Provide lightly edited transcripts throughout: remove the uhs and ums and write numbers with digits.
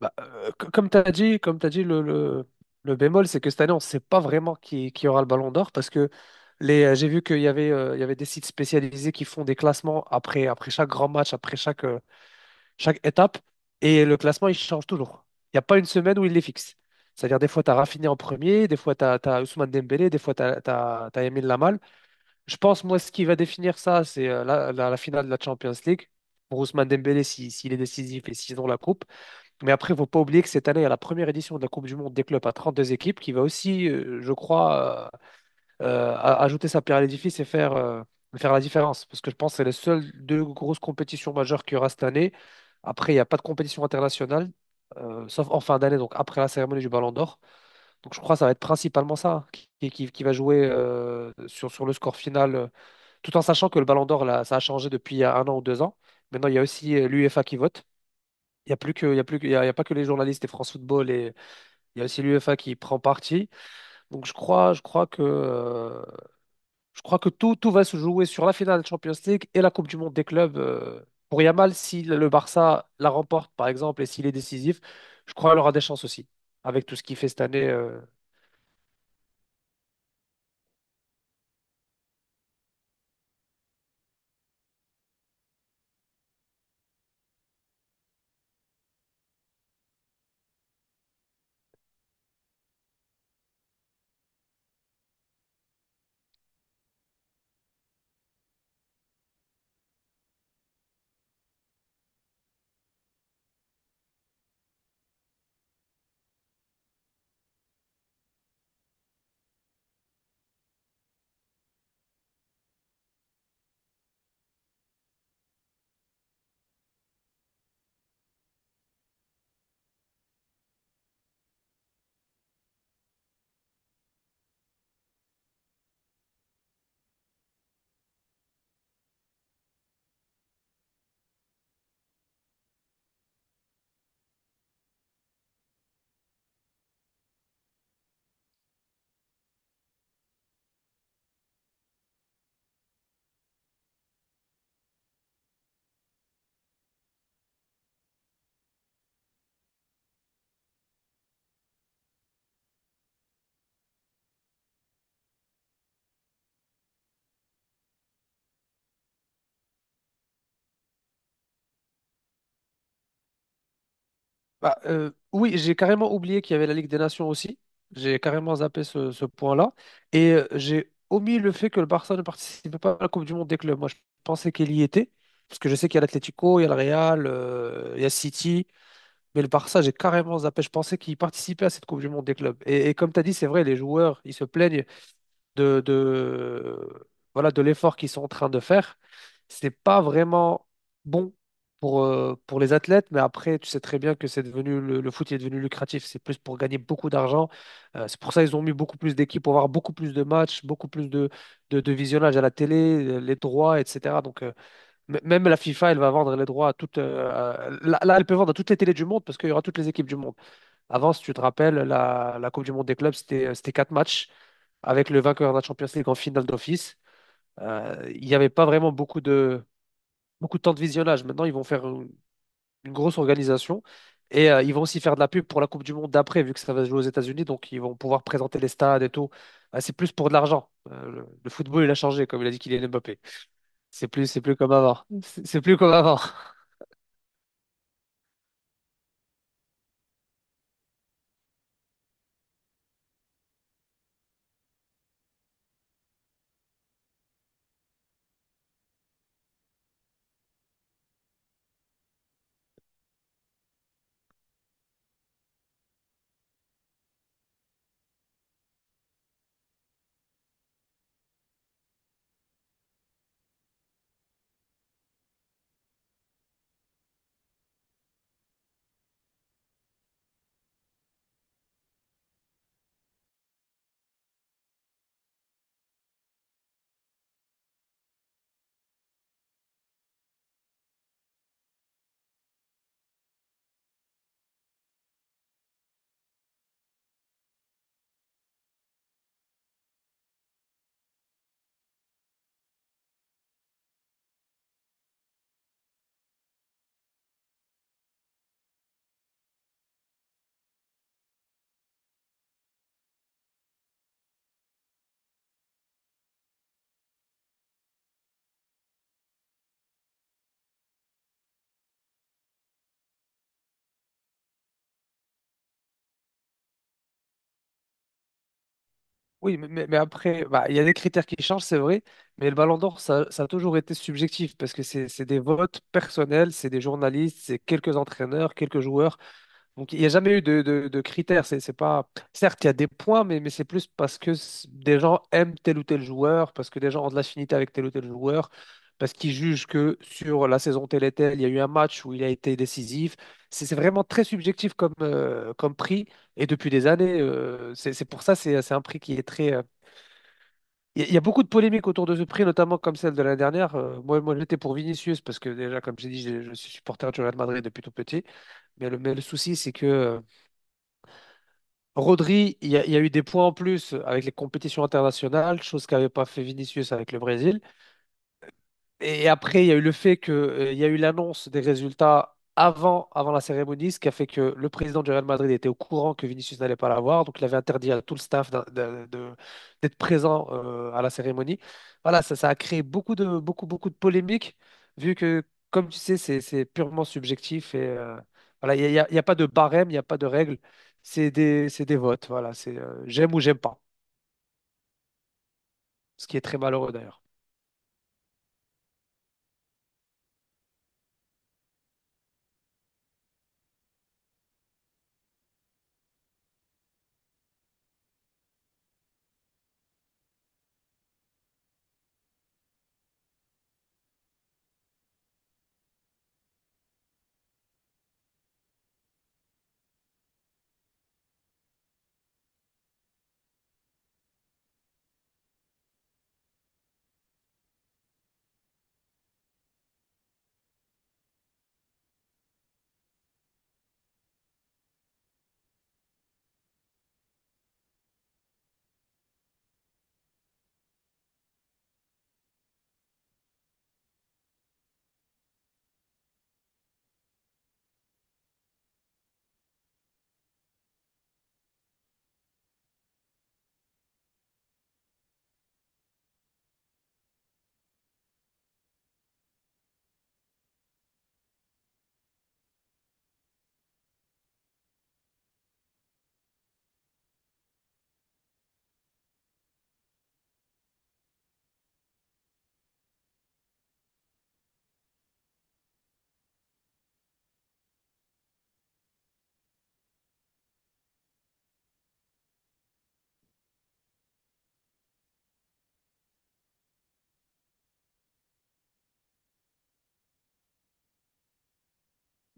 Bah, comme tu as dit, comme t'as dit le bémol, c'est que cette année, on ne sait pas vraiment qui aura le Ballon d'Or parce que j'ai vu qu'il y avait des sites spécialisés qui font des classements après chaque grand match, après chaque étape, et le classement, il change toujours. Il n'y a pas une semaine où il les fixe. C'est-à-dire, des fois, tu as Rafinha en premier, des fois, tu as, Ousmane Dembélé, des fois, tu as, Lamine Lamal. Je pense, moi, ce qui va définir ça, c'est la finale de la Champions League. Pour Ousmane Dembélé, s'il est décisif et s'ils ont la coupe. Mais après, il ne faut pas oublier que cette année, il y a la première édition de la Coupe du Monde des clubs à 32 équipes qui va aussi, je crois, ajouter sa pierre à l'édifice et faire la différence. Parce que je pense que c'est les seules deux grosses compétitions majeures qu'il y aura cette année. Après, il n'y a pas de compétition internationale, sauf en fin d'année, donc après la cérémonie du Ballon d'Or. Donc je crois que ça va être principalement ça qui va jouer sur le score final, tout en sachant que le Ballon d'Or, là, ça a changé depuis il y a un an ou 2 ans. Maintenant, il y a aussi l'UEFA qui vote. Il y a pas que les journalistes et France Football et il y a aussi l'UEFA qui prend parti. Donc je crois que tout va se jouer sur la finale Champions League et la Coupe du Monde des clubs. Pour Yamal, si le Barça la remporte par exemple et s'il est décisif, je crois qu'il aura des chances aussi avec tout ce qu'il fait cette année. Bah, oui, j'ai carrément oublié qu'il y avait la Ligue des Nations aussi. J'ai carrément zappé ce point-là. Et j'ai omis le fait que le Barça ne participait pas à la Coupe du Monde des clubs. Moi, je pensais qu'il y était. Parce que je sais qu'il y a l'Atlético, il y a le Real, il y a City. Mais le Barça, j'ai carrément zappé. Je pensais qu'il participait à cette Coupe du Monde des clubs. Et comme tu as dit, c'est vrai, les joueurs, ils se plaignent de, de- voilà, de l'effort qu'ils sont en train de faire, c'est pas vraiment bon pour les athlètes, mais après, tu sais très bien que le foot est devenu lucratif, c'est plus pour gagner beaucoup d'argent. C'est pour ça qu'ils ont mis beaucoup plus d'équipes pour avoir beaucoup plus de matchs, beaucoup plus de visionnage à la télé, les droits, etc. Donc, même la FIFA, elle va vendre les droits à toutes. Là, elle peut vendre à toutes les télés du monde parce qu'il y aura toutes les équipes du monde. Avant, si tu te rappelles, la Coupe du Monde des clubs, c'était quatre matchs avec le vainqueur de la Champions League en finale d'office. Il n'y avait pas vraiment beaucoup de temps de visionnage. Maintenant, ils vont faire une grosse organisation et ils vont aussi faire de la pub pour la Coupe du Monde d'après, vu que ça va se jouer aux États-Unis. Donc, ils vont pouvoir présenter les stades et tout. C'est plus pour de l'argent. Le football, il a changé, comme il a dit Kylian Mbappé. C'est plus comme avant. C'est plus comme avant. Oui, mais après, bah, il y a des critères qui changent, c'est vrai. Mais le Ballon d'Or, ça a toujours été subjectif parce que c'est des votes personnels, c'est des journalistes, c'est quelques entraîneurs, quelques joueurs. Donc, il n'y a jamais eu de critères. C'est pas. Certes, il y a des points, mais c'est plus parce que des gens aiment tel ou tel joueur, parce que des gens ont de l'affinité avec tel ou tel joueur, parce qu'ils jugent que sur la saison telle et telle, il y a eu un match où il a été décisif. C'est vraiment très subjectif comme prix, et depuis des années, c'est pour ça, c'est un prix qui est très. Il y a beaucoup de polémiques autour de ce prix, notamment comme celle de l'année dernière. Moi, moi j'étais pour Vinicius, parce que déjà, comme j'ai dit, je suis supporter du Real Madrid depuis tout petit. Mais le souci, c'est que. Rodri, il y a eu des points en plus avec les compétitions internationales, chose qu'avait pas fait Vinicius avec le Brésil. Et après, il y a eu le fait que, il y a eu l'annonce des résultats avant la cérémonie, ce qui a fait que le président du Real Madrid était au courant que Vinicius n'allait pas l'avoir. Donc, il avait interdit à tout le staff d'être présent à la cérémonie. Voilà, ça a créé beaucoup de polémiques, vu que, comme tu sais, c'est purement subjectif. Et voilà, il n'y a, il y a- il y a pas de barème, il n'y a pas de règle. C'est des votes. Voilà, c'est j'aime ou j'aime pas, ce qui est très malheureux d'ailleurs.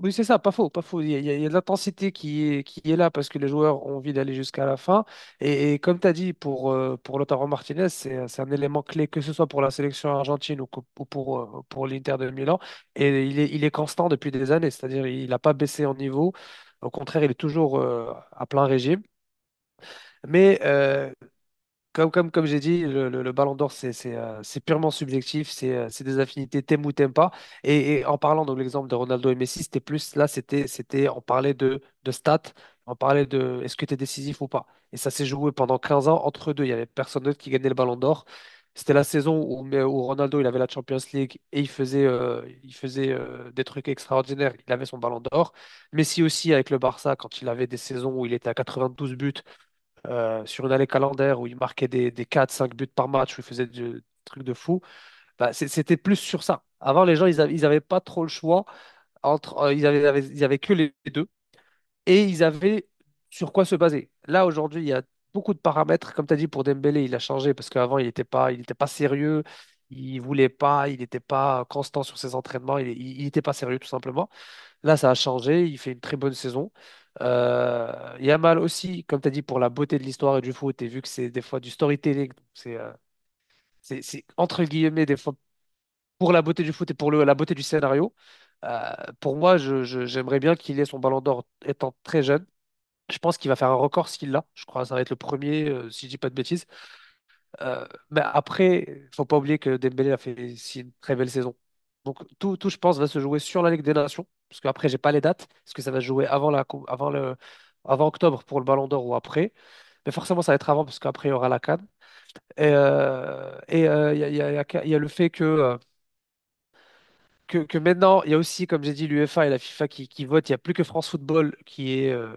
Oui, c'est ça, pas faux, pas faux. Il y a de l'intensité qui est là parce que les joueurs ont envie d'aller jusqu'à la fin. Et comme tu as dit, pour Lautaro Martinez, c'est un élément clé, que ce soit pour la sélection argentine ou pour l'Inter de Milan. Et il est constant depuis des années, c'est-à-dire il n'a pas baissé en niveau. Au contraire, il est toujours à plein régime. Mais comme j'ai dit, le Ballon d'Or, c'est purement subjectif, c'est des affinités, t'aimes ou t'aimes pas. Et en parlant de l'exemple de Ronaldo et Messi, c'était plus, là, on parlait de stats, on parlait de est-ce que tu es décisif ou pas. Et ça s'est joué pendant 15 ans entre deux. Il n'y avait personne d'autre qui gagnait le Ballon d'Or. C'était la saison mais où Ronaldo, il avait la Champions League et il faisait des trucs extraordinaires. Il avait son Ballon d'Or. Messi aussi avec le Barça, quand il avait des saisons où il était à 92 buts sur une année calendaire où il marquait des 4-5 buts par match, où il faisait des trucs de fou, bah, c'était plus sur ça. Avant, les gens, ils avaient pas trop le choix entre, ils avaient que les deux et ils avaient sur quoi se baser. Là, aujourd'hui, il y a beaucoup de paramètres. Comme tu as dit, pour Dembélé, il a changé parce qu'avant, il était pas sérieux, il voulait pas, il n'était pas constant sur ses entraînements, il n'était pas sérieux, tout simplement. Là, ça a changé. Il fait une très bonne saison. Yamal aussi, comme tu as dit, pour la beauté de l'histoire et du foot, et vu que c'est des fois du storytelling, donc c'est entre guillemets des fois pour la beauté du foot et pour la beauté du scénario. euh, pour moi, j'aimerais bien qu'il ait son Ballon d'Or étant très jeune. Je pense qu'il va faire un record s'il l'a. Je crois que ça va être le premier, si je dis pas de bêtises. Euh, mais après, faut pas oublier que Dembélé a fait si une très belle saison. Donc tout, je pense, va se jouer sur la Ligue des Nations, parce qu'après, j'ai pas les dates, parce que ça va se jouer avant la, cou- avant le, avant octobre pour le Ballon d'Or ou après. Mais forcément, ça va être avant, parce qu'après, il y aura la CAN. Il y a le fait que, maintenant, il y a aussi, comme j'ai dit, l'UEFA et la FIFA qui votent. Il n'y a plus que France Football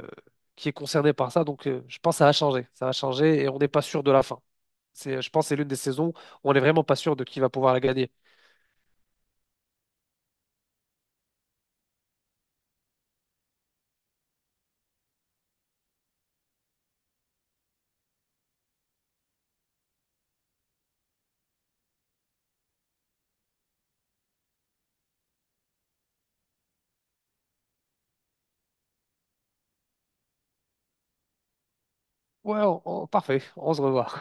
qui est concerné par ça. Donc, je pense que ça va changer. Ça va changer et on n'est pas sûr de la fin. Je pense que c'est l'une des saisons où on n'est vraiment pas sûr de qui va pouvoir la gagner. Ouais, parfait, on se revoit.